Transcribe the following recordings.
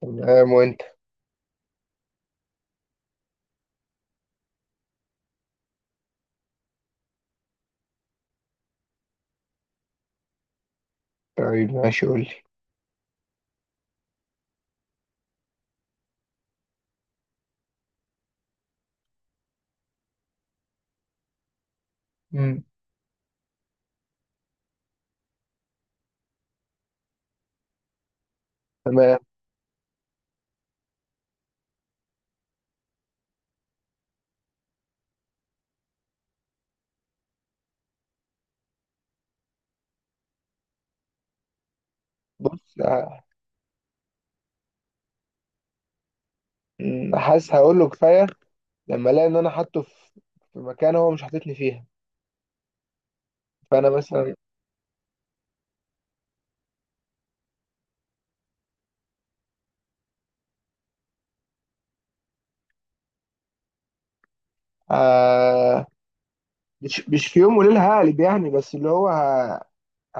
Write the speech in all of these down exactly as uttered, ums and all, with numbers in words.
تمام وانت. طيب، ماشي، قول لي. مم. تمام. بص ه- م، حاسس هقول له كفايه لما الاقي ان انا حاطه في في مكان هو مش حاططني فيها. فانا مثلا آه، مش مش في يوم وليله هقلب يعني، بس اللي هو ه-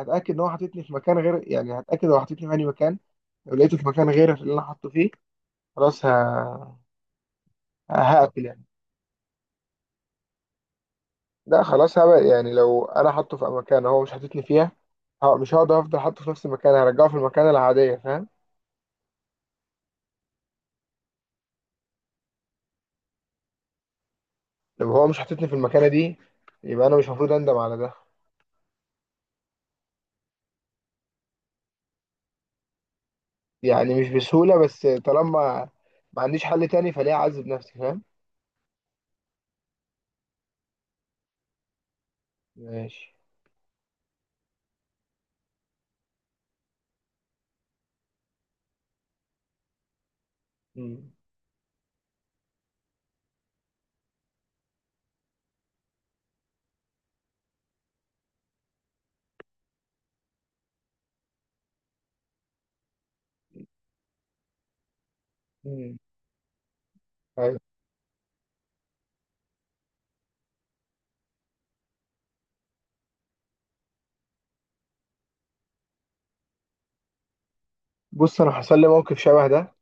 هتاكد ان هو حاططني في مكان غير، يعني هتاكد هو حاططني في اي مكان. لو لقيته في مكان غير اللي انا حاطه فيه، خلاص ه- هقفل يعني. لا خلاص، هبقى يعني لو انا حاطه في مكان هو مش حاططني فيها، ه- مش هقدر افضل حاطه في نفس المكان، هرجعه في المكان العاديه، فاهم؟ لو هو مش حاططني في المكانة دي، يبقى أنا مش المفروض أندم على ده. يعني مش بسهولة، بس طالما ما عنديش حل تاني فليه أعذب نفسي، فاهم؟ ماشي. مم. مم. أيوة. بص، أنا حصل لي موقف شبه ده.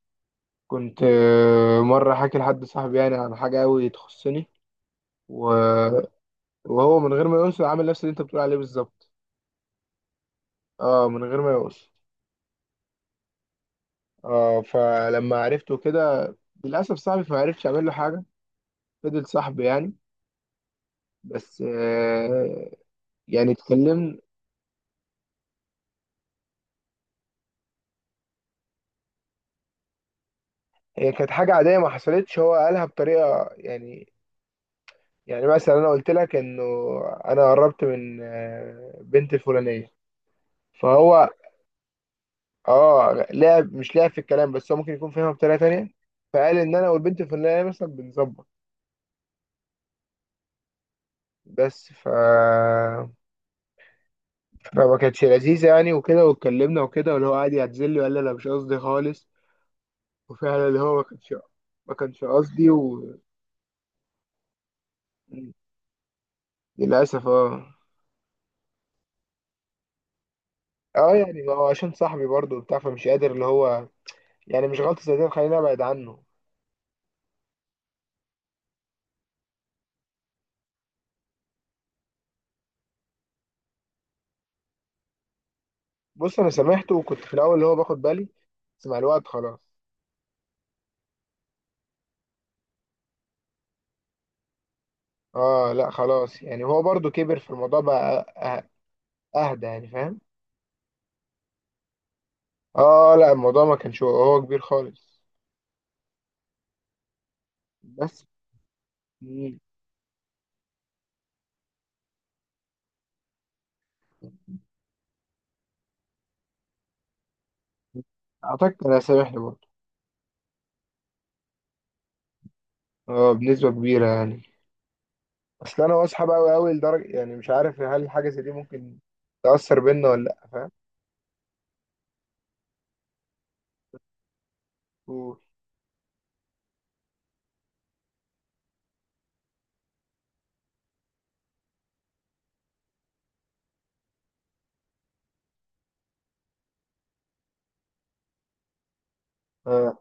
كنت آه، مرة حاكي لحد صاحبي يعني عن حاجة أوي تخصني و... وهو من غير ما يقصد عامل نفس اللي أنت بتقول عليه بالظبط. اه، من غير ما يقصد. اه، فلما عرفته كده للأسف صاحبي، فما عرفتش أعمل له حاجة. فضل صاحبي يعني. بس آه، يعني اتكلمنا. هي كانت حاجة عادية ما حصلتش، هو قالها بطريقة يعني. يعني مثلا أنا قلت لك إنه أنا قربت من آه، بنت الفلانية، فهو آه، لعب مش لعب في الكلام، بس هو ممكن يكون فاهمها بطريقة تانية، فقال إن أنا والبنت الفلانية مثلا بنظبط. بس ف... فما كانتش لذيذة يعني، وكده، واتكلمنا وكده، واللي هو قعد يعتذر لي وقال لي أنا مش قصدي خالص. وفعلا اللي هو ما كانش ما كانش قصدي و... للأسف اه. اه يعني ما هو عشان صاحبي برضه وبتاع، فمش قادر اللي هو يعني مش غلطة زي دي خليني أبعد عنه. بص أنا سامحته، وكنت في الأول اللي هو باخد بالي، بس مع الوقت خلاص. آه لا خلاص، يعني هو برضو كبر في الموضوع بقى. أه- أهدى يعني، فاهم؟ آه لا، الموضوع ما كانش هو هو كبير خالص. بس. مم. أعتقد أنا سامحني برضو. آه، بنسبة كبيرة يعني. أصل أنا واثق أوي أوي لدرجة يعني مش عارف هل حاجة زي دي ممكن تأثر بينا ولا لأ، فاهم؟ قول. آه.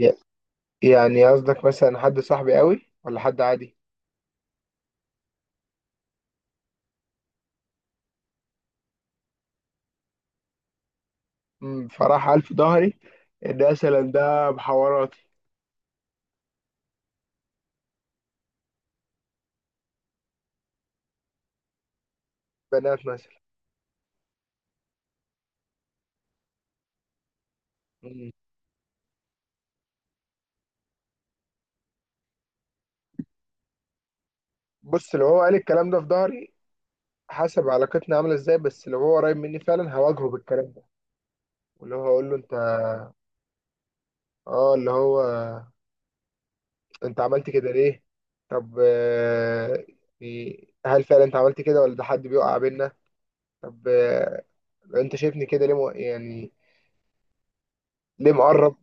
ي- يعني قصدك مثلا حد صاحبي أوي ولا حد عادي؟ مم. فراح قال في ظهري ان مثلا ده بحواراتي بنات مثلا. مم. بص لو هو قال الكلام ده في ظهري، حسب علاقتنا عامله ازاي، بس لو هو قريب مني فعلا هواجهه بالكلام ده، واللي هو هقول له انت، اه اللي هو انت عملت كده ليه. طب آه، يعني هل فعلا انت عملت كده ولا ده حد بيقع بينا؟ طب آه، انت شايفني كده ليه مو- يعني ليه مقرب.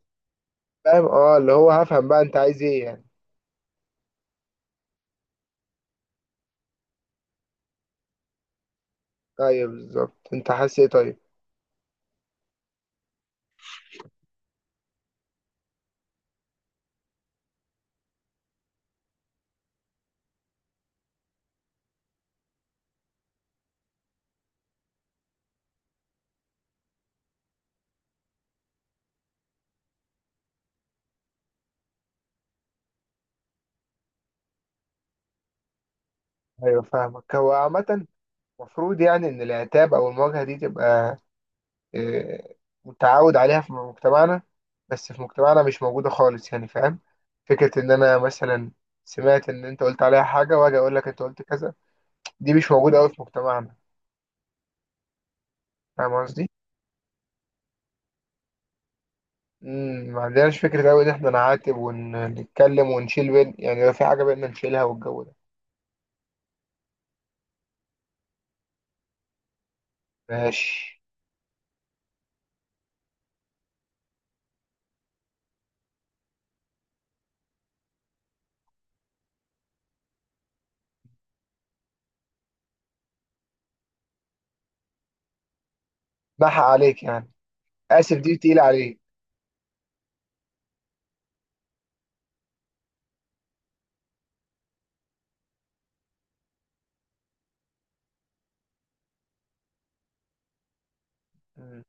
فاهم اه، اللي هو هفهم بقى انت عايز ايه يعني. ايوه بالظبط، انت حاسس ايه طيب؟ ايوه فاهمك. هو عامة المفروض يعني إن العتاب أو المواجهة دي تبقى آه، متعود عليها في مجتمعنا، بس في مجتمعنا مش موجودة خالص يعني، فاهم؟ فكرة إن أنا مثلا سمعت إن أنت قلت عليها حاجة وأجي أقول لك أنت قلت كذا، دي مش موجودة أوي في مجتمعنا. فاهم قصدي؟ مم، ما عندناش فكرة أوي إن إحنا نعاتب ونتكلم ونشيل بين، يعني لو في حاجة بينا نشيلها والجو ده. ماشي. بحق عليك يعني، آسف دي تقيلة عليك. مم.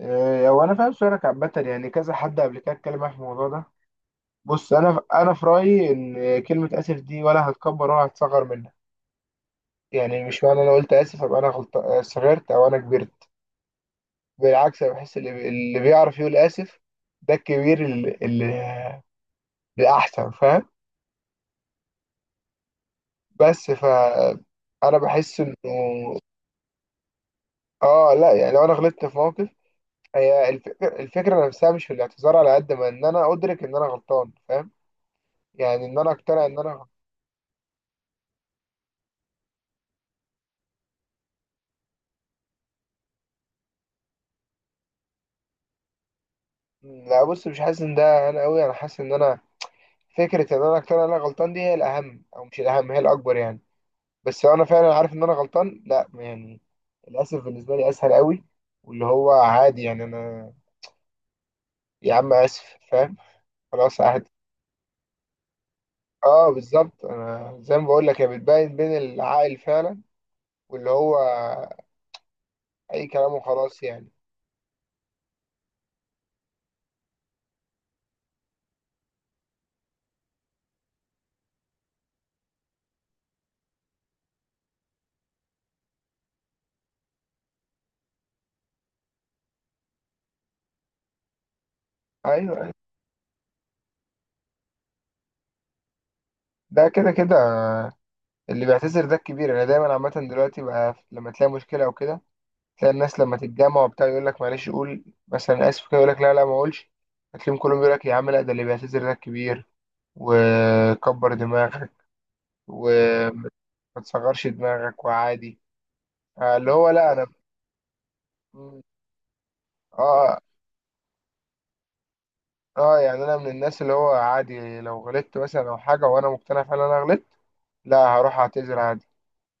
آه، هو أنا فاهم سؤالك عامة، يعني كذا حد قبل كده اتكلم معايا في الموضوع ده. بص، انا انا في رايي ان كلمه اسف دي ولا هتكبر ولا هتصغر منها، يعني مش معنى انا قلت اسف ابقى انا غلط صغرت او انا كبرت. بالعكس، انا بحس اللي, اللي بيعرف يقول اسف ده الكبير، اللي, اللي الاحسن، فاهم؟ بس ف انا بحس انه اه لا، يعني لو انا غلطت في موقف، هي الفكره الفكره نفسها مش في الاعتذار على قد ما ان انا ادرك ان انا غلطان، فاهم؟ يعني ان انا اقتنع ان انا غلطان. لا بص، مش حاسس ان ده انا قوي، انا حاسس ان انا فكرة ان انا اقتنع ان انا غلطان دي هي الاهم، او مش الاهم هي الاكبر يعني. بس لو انا فعلا عارف ان انا غلطان لا يعني، للاسف بالنسبة لي اسهل قوي. واللي هو عادي يعني انا، يا عم اسف، فاهم؟ خلاص عادي. اه بالظبط، انا زي ما بقول لك هي بتبين بين العاقل فعلا، واللي هو اي كلام وخلاص يعني. ايوه، أيوة. ده كده كده، اللي بيعتذر ده الكبير. انا دايما عامة دلوقتي بقى، لما تلاقي مشكلة او كده، تلاقي الناس لما تتجمع وبتاع يقول لك معلش، قول مثلا اسف كده، يقول لك لا لا ما اقولش، هتلاقيهم كلهم يقول لك يا عم لا، ده اللي بيعتذر ده كبير، وكبر دماغك، وما تصغرش دماغك، وعادي. آه، اللي هو لا انا، اه. اه يعني انا من الناس اللي هو عادي لو غلطت مثلا او حاجه وانا مقتنع فعلا انا غلطت، لا هروح اعتذر.